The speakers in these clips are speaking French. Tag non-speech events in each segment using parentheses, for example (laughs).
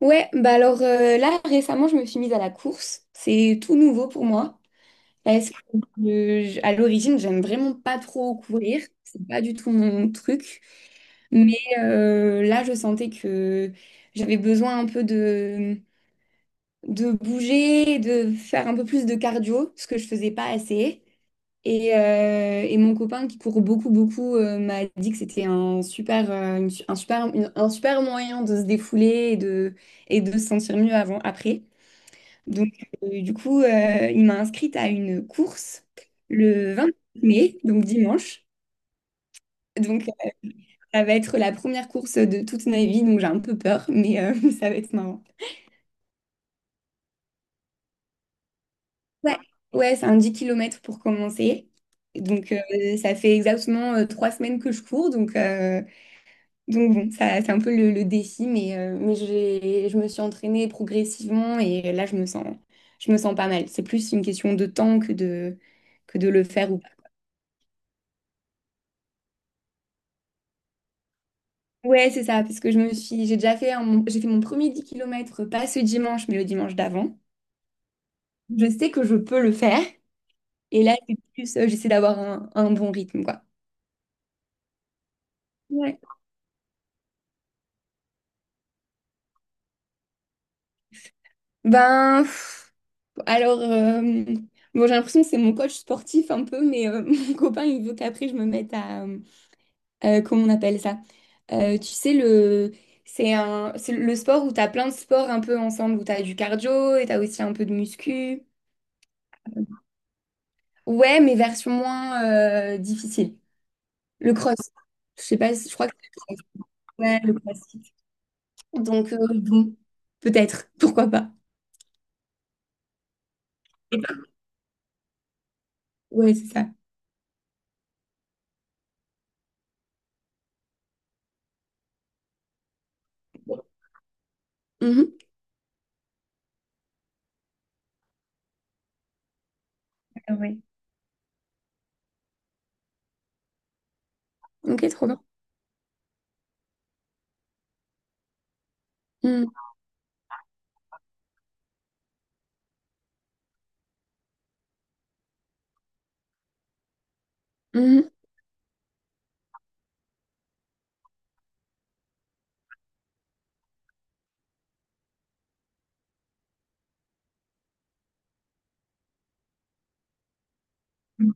Ouais, bah alors là récemment je me suis mise à la course, c'est tout nouveau pour moi. Parce que à l'origine j'aime vraiment pas trop courir, c'est pas du tout mon truc. Mais là je sentais que j'avais besoin un peu de bouger, de faire un peu plus de cardio, ce que je faisais pas assez. Et mon copain qui court beaucoup beaucoup m'a dit que c'était un super une su- un super une- un super moyen de se défouler et de se sentir mieux avant après. Donc, du coup, il m'a inscrite à une course le 20 mai, donc dimanche. Donc, ça va être la première course de toute ma vie, donc j'ai un peu peur, mais (laughs) ça va être marrant. Ouais, ouais, c'est un 10 kilomètres pour commencer. Donc, ça fait exactement 3 semaines que je cours. Donc bon, ça, c'est un peu le défi, mais je me suis entraînée progressivement et là, je me sens pas mal. C'est plus une question de temps que de le faire. Ouais, c'est ça, parce que j'ai déjà fait un- mon- j'ai fait mon premier 10 kilomètres pas ce dimanche, mais le dimanche d'avant. Je sais que je peux le faire. Et là, j'essaie d'avoir un bon rythme, quoi. Ouais. Ben, pff, alors, bon, j'ai l'impression que c'est mon coach sportif un peu, mais (laughs) mon copain, il veut qu'après, je me mette à, comment on appelle ça? Tu sais, c'est le sport où tu as plein de sports un peu ensemble, où tu as du cardio et tu as aussi un peu de muscu. Ouais, mais version moins difficile. Le cross. Je sais pas, je crois que c'est le cross. Ouais, le crossfit. Donc, bon, peut-être, pourquoi pas. Ouais, c'est ça. Mhm. Ah ouais. Ok, trop bien. Mhm. Mhm.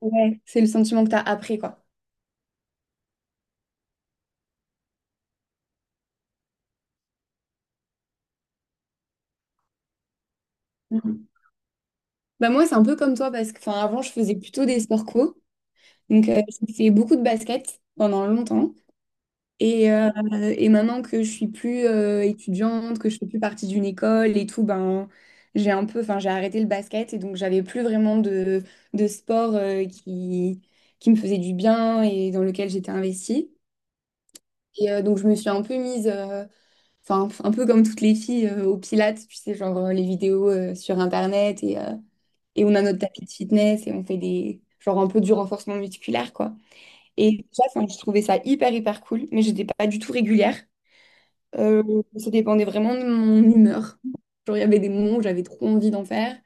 Ouais, c'est le sentiment que tu as après, quoi. Mhm. Bah moi, c'est un peu comme toi, parce que enfin, avant, je faisais plutôt des sports co. Donc, j'ai fait beaucoup de basket pendant longtemps. Et, euh, et maintenant que je suis plus étudiante, que je fais plus partie d'une école et tout, ben enfin j'ai arrêté le basket et donc j'avais plus vraiment de sport qui me faisait du bien et dans lequel j'étais investie. Donc je me suis un peu enfin un peu comme toutes les filles au Pilates, tu sais, genre les vidéos sur Internet et on a notre tapis de fitness et on fait genre un peu du renforcement musculaire quoi. Et ça, enfin, je trouvais ça hyper hyper cool, mais j'étais pas du tout régulière. Euh, Ça dépendait vraiment de mon humeur. Genre, il y avait des moments où j'avais trop envie d'en faire,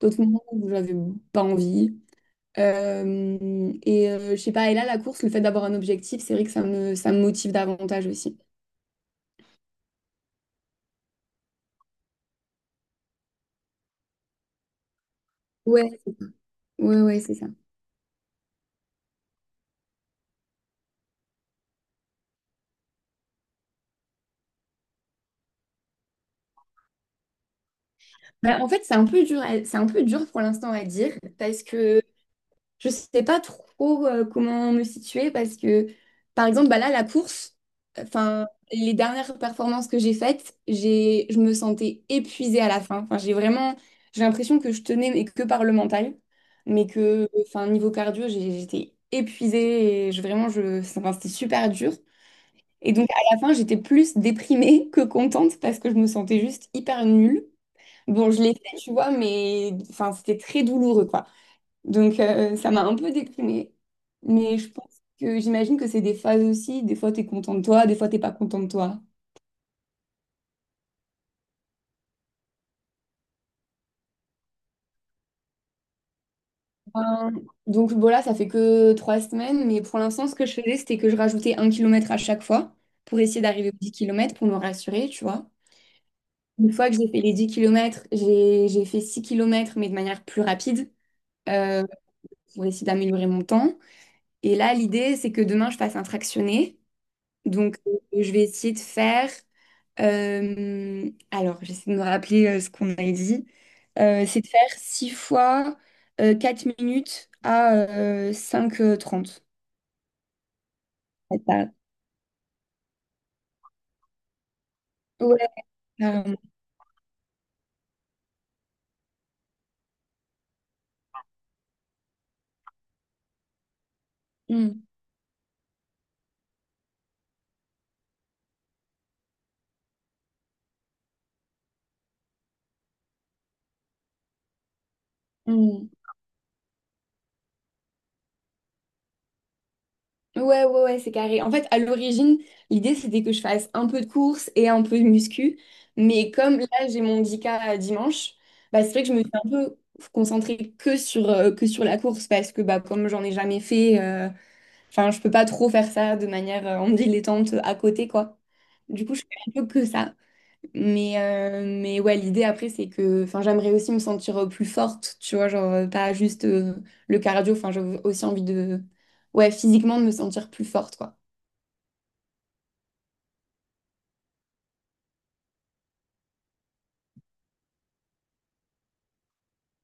d'autres moments où j'avais pas envie. Je sais pas, et là, la course, le fait d'avoir un objectif, c'est vrai que ça me motive davantage aussi. Ouais, ouais, ouais, c'est ça. Bah, en fait, c'est un peu dur pour l'instant à dire parce que je sais pas trop comment me situer parce que, par exemple, bah là, la course, enfin, les dernières performances que j'ai faites, je me sentais épuisée à la fin. Enfin, j'ai l'impression que je tenais mais que par le mental, enfin, niveau cardio, j'étais épuisée et enfin, c'était super dur. Et donc, à la fin, j'étais plus déprimée (laughs) que contente parce que je me sentais juste hyper nulle. Bon, je l'ai fait, tu vois, mais enfin, c'était très douloureux, quoi. Donc, ça m'a un peu déprimée. Mais je pense que j'imagine que c'est des phases aussi. Des fois, tu es content de toi, des fois, t'es pas content de toi. Euh, donc, bon, là, ça fait que 3 semaines. Mais pour l'instant, ce que je faisais, c'était que je rajoutais 1 kilomètre à chaque fois pour essayer d'arriver aux 10 kilomètres pour me rassurer, tu vois. Une fois que j'ai fait les 10 kilomètres, j'ai fait 6 kilomètres, mais de manière plus rapide euh, pour essayer d'améliorer mon temps. Et là, l'idée, c'est que demain, je fasse un fractionné. Donc, je vais essayer de faire. Alors, j'essaie de me rappeler ce qu'on a dit. C'est de faire 6 fois 4 minutes à cinq h 30. Ouais, ça- ouais, carrément. Mm, mm. Ouais, ouais, ouais, c'est carré. En fait, à l'origine, l'idée, c'était que je fasse un peu de course et un peu de muscu. Mais comme là, j'ai mon 10K dimanche, bah, c'est vrai que je me suis un peu concentrée que sur la course parce que bah, comme j'en ai jamais fait, enfin, je peux pas trop faire ça de manière en dilettante à côté, quoi. Du coup, je fais un peu que ça. Mais ouais, l'idée après, c'est que enfin, j'aimerais aussi me sentir plus forte, tu vois, genre pas juste le cardio. Enfin, j'ai aussi ouais, physiquement, de me sentir plus forte, quoi.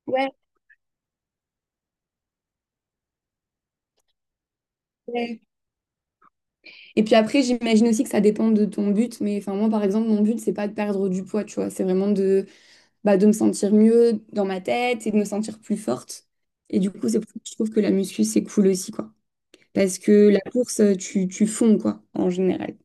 Ouais, ouais. Et puis après, j'imagine aussi que ça dépend de ton but, mais enfin moi par exemple, mon but c'est pas de perdre du poids, tu vois, c'est vraiment de me sentir mieux dans ma tête et de me sentir plus forte. Et du coup, c'est pour ça que je trouve que la muscu c'est cool aussi, quoi. Parce que la course, tu fonds, quoi, en général.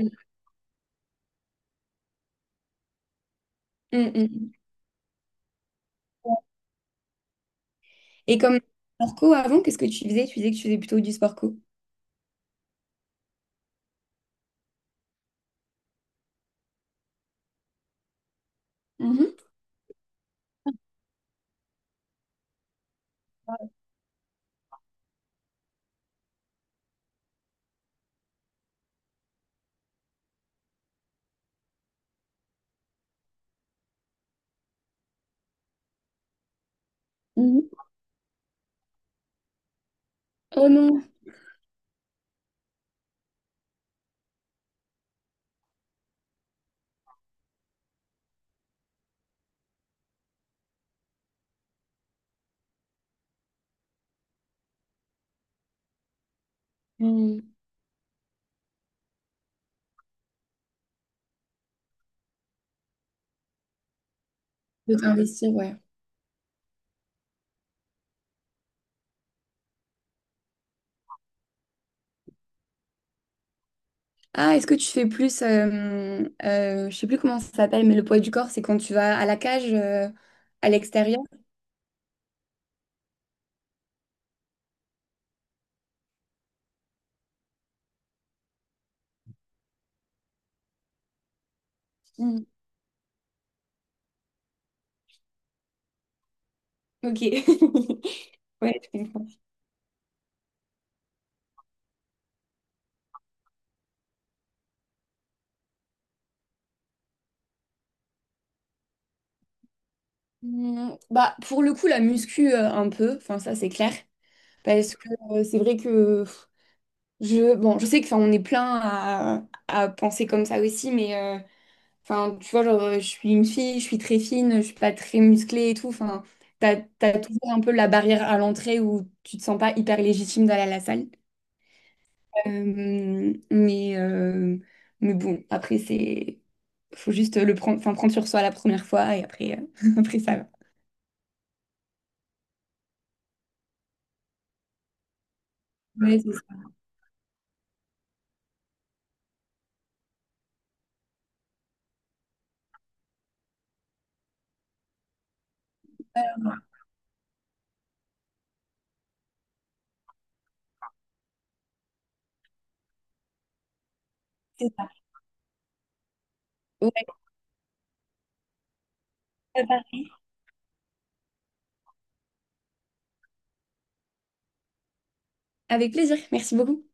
Mm, mm, mm. Et comme sport co avant, qu'est-ce que tu faisais? Tu disais que tu faisais plutôt du sport co. Mhm, mhm. Oh non. Hmm, de t'investir, ouais. Ah, est-ce que tu fais je sais plus comment ça s'appelle, mais le poids du corps, c'est quand tu vas à la cage, à l'extérieur? Hmm. Ok. (laughs) Ouais, je comprends. Hmm. Bah, pour le coup, la muscu, un peu, enfin, ça, c'est clair. Parce que c'est vrai que. Bon, je sais que, enfin, on est plein à penser comme ça aussi, mais enfin, tu vois, genre, je suis une fille, je suis très fine, je suis pas très musclée et tout. Enfin, t'as toujours un peu la barrière à l'entrée où tu te sens pas hyper légitime d'aller à la salle. Euh, mais, euh, mais bon, après, faut juste le prendre, enfin, prendre sur soi la première fois et après, (laughs) après ça va. Ouais, c'est ça. C'est ça. Ouais, ça va. Avec plaisir, merci beaucoup.